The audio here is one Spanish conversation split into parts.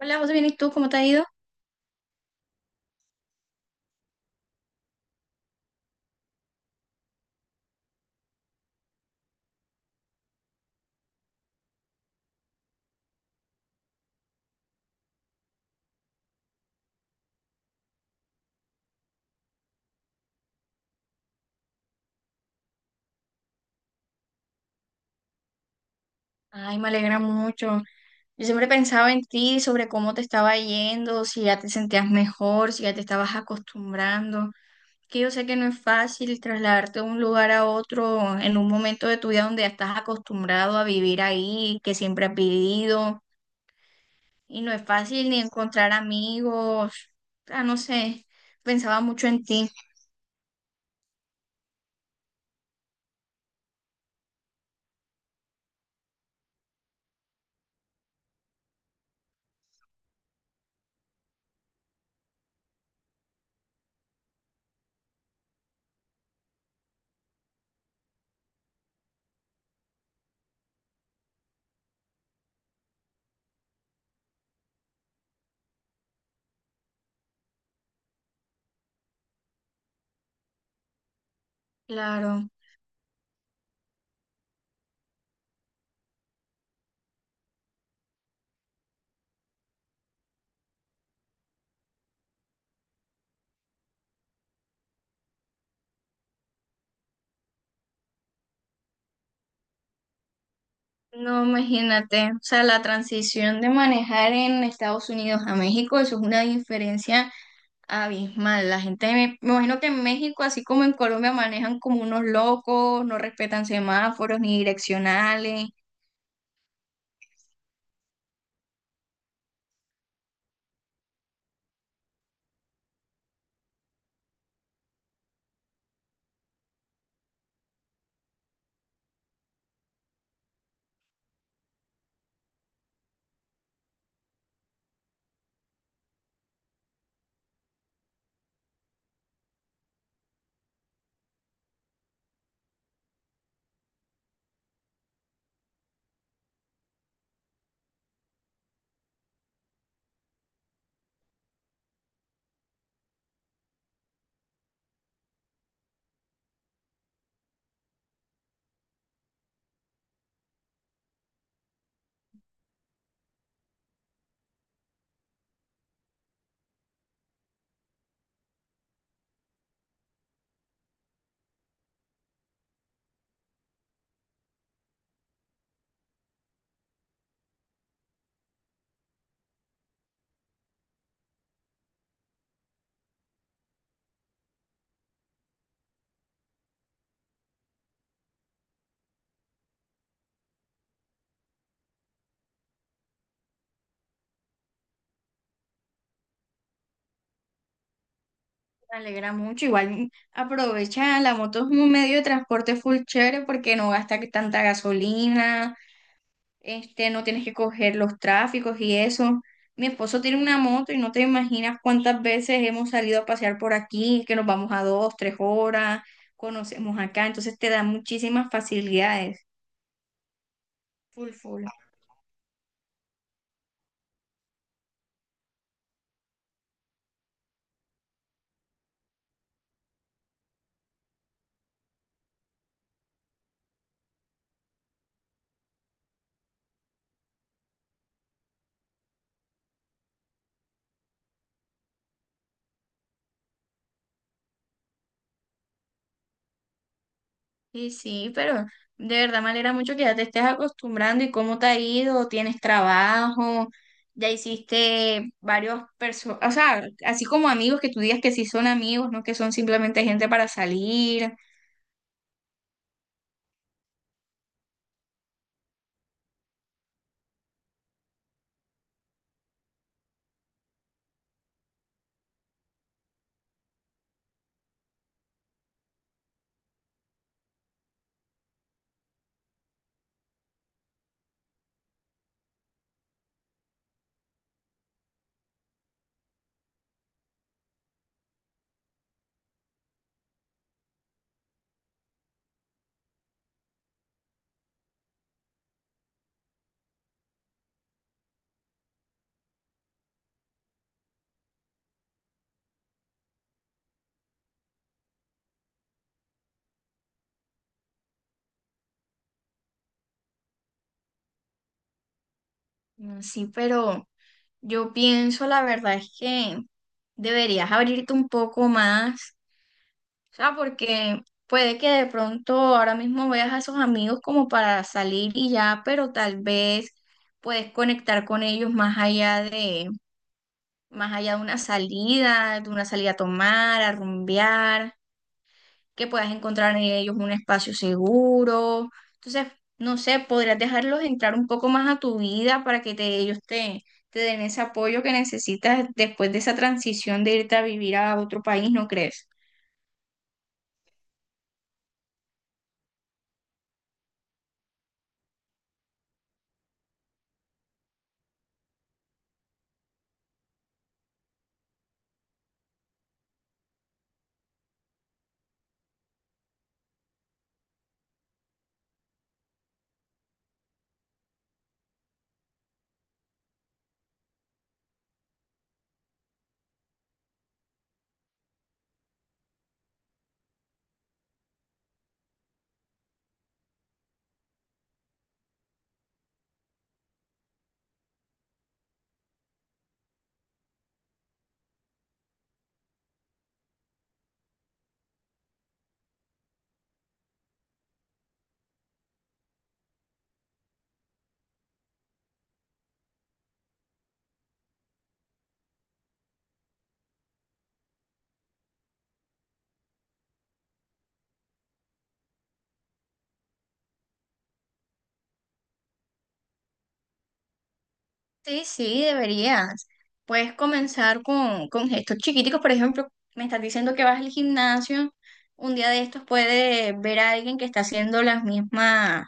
Hola, José, bien, ¿y tú? ¿Cómo te ha ido? Ay, me alegra mucho. Yo siempre pensaba en ti, sobre cómo te estaba yendo, si ya te sentías mejor, si ya te estabas acostumbrando. Que yo sé que no es fácil trasladarte de un lugar a otro en un momento de tu vida donde ya estás acostumbrado a vivir ahí, que siempre has vivido. Y no es fácil ni encontrar amigos. Ah, no sé, pensaba mucho en ti. Claro. No, imagínate, o sea, la transición de manejar en Estados Unidos a México, eso es una diferencia abismal. La gente, me imagino que en México, así como en Colombia, manejan como unos locos, no respetan semáforos ni direccionales. Me alegra mucho. Igual aprovecha, la moto es un medio de transporte full chévere porque no gasta que tanta gasolina, no tienes que coger los tráficos y eso. Mi esposo tiene una moto y no te imaginas cuántas veces hemos salido a pasear por aquí, que nos vamos a 2, 3 horas, conocemos acá, entonces te da muchísimas facilidades. Full, full. Y sí, pero de verdad me alegra mucho que ya te estés acostumbrando y cómo te ha ido, tienes trabajo, ya hiciste varios personas, o sea, así como amigos que tú digas que sí son amigos, no que son simplemente gente para salir, sí, pero... Yo pienso, la verdad es que deberías abrirte un poco más, o sea, porque puede que de pronto ahora mismo veas a esos amigos como para salir y ya, pero tal vez puedes conectar con ellos más allá de una salida a tomar, a rumbear que puedas encontrar en ellos un espacio seguro. Entonces, no sé, podrías dejarlos entrar un poco más a tu vida para que ellos te, te den ese apoyo que necesitas después de esa transición de irte a vivir a otro país, ¿no crees? Sí, sí, deberías. Puedes comenzar con gestos chiquiticos, por ejemplo, me estás diciendo que vas al gimnasio, un día de estos puedes ver a alguien que está haciendo las mismas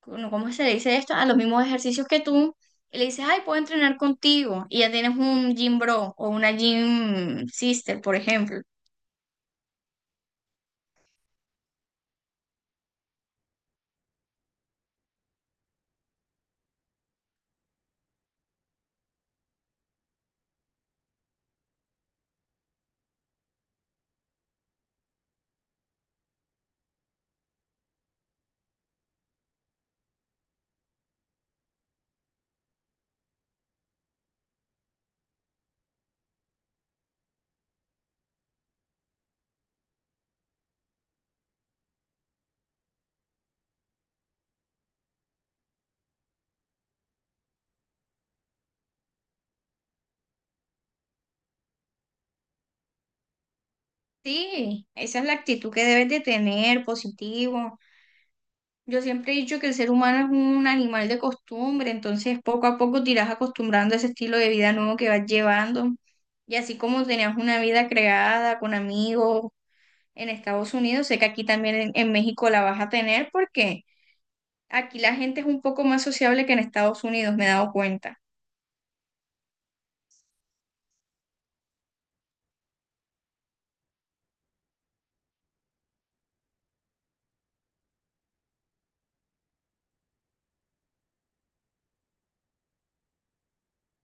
¿cómo se le dice esto? A los mismos ejercicios que tú, y le dices, ay, puedo entrenar contigo, y ya tienes un gym bro o una gym sister, por ejemplo. Sí, esa es la actitud que debes de tener, positivo. Yo siempre he dicho que el ser humano es un animal de costumbre, entonces poco a poco te irás acostumbrando a ese estilo de vida nuevo que vas llevando. Y así como tenías una vida creada con amigos en Estados Unidos, sé que aquí también en México la vas a tener porque aquí la gente es un poco más sociable que en Estados Unidos, me he dado cuenta.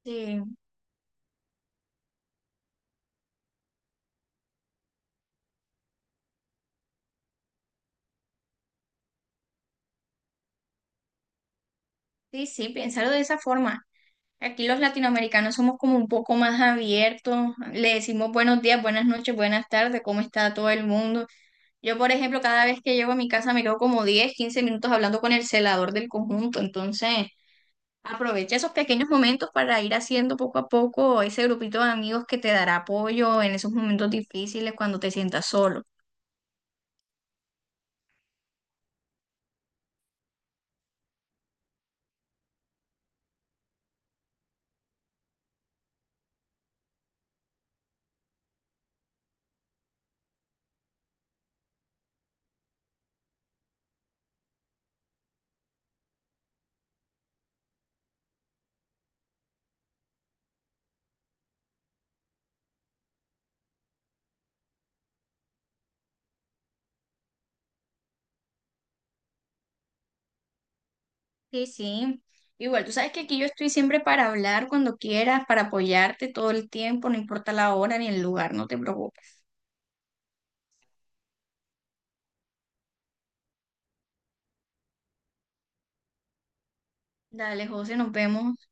Sí, sí, sí, piénsalo de esa forma. Aquí los latinoamericanos somos como un poco más abiertos, le decimos buenos días, buenas noches, buenas tardes, ¿cómo está todo el mundo? Yo, por ejemplo, cada vez que llego a mi casa me quedo como 10, 15 minutos hablando con el celador del conjunto, entonces aprovecha esos pequeños momentos para ir haciendo poco a poco ese grupito de amigos que te dará apoyo en esos momentos difíciles cuando te sientas solo. Sí, sí. Igual, tú sabes que aquí yo estoy siempre para hablar cuando quieras, para apoyarte todo el tiempo, no importa la hora ni el lugar, no te preocupes. Dale, José, nos vemos.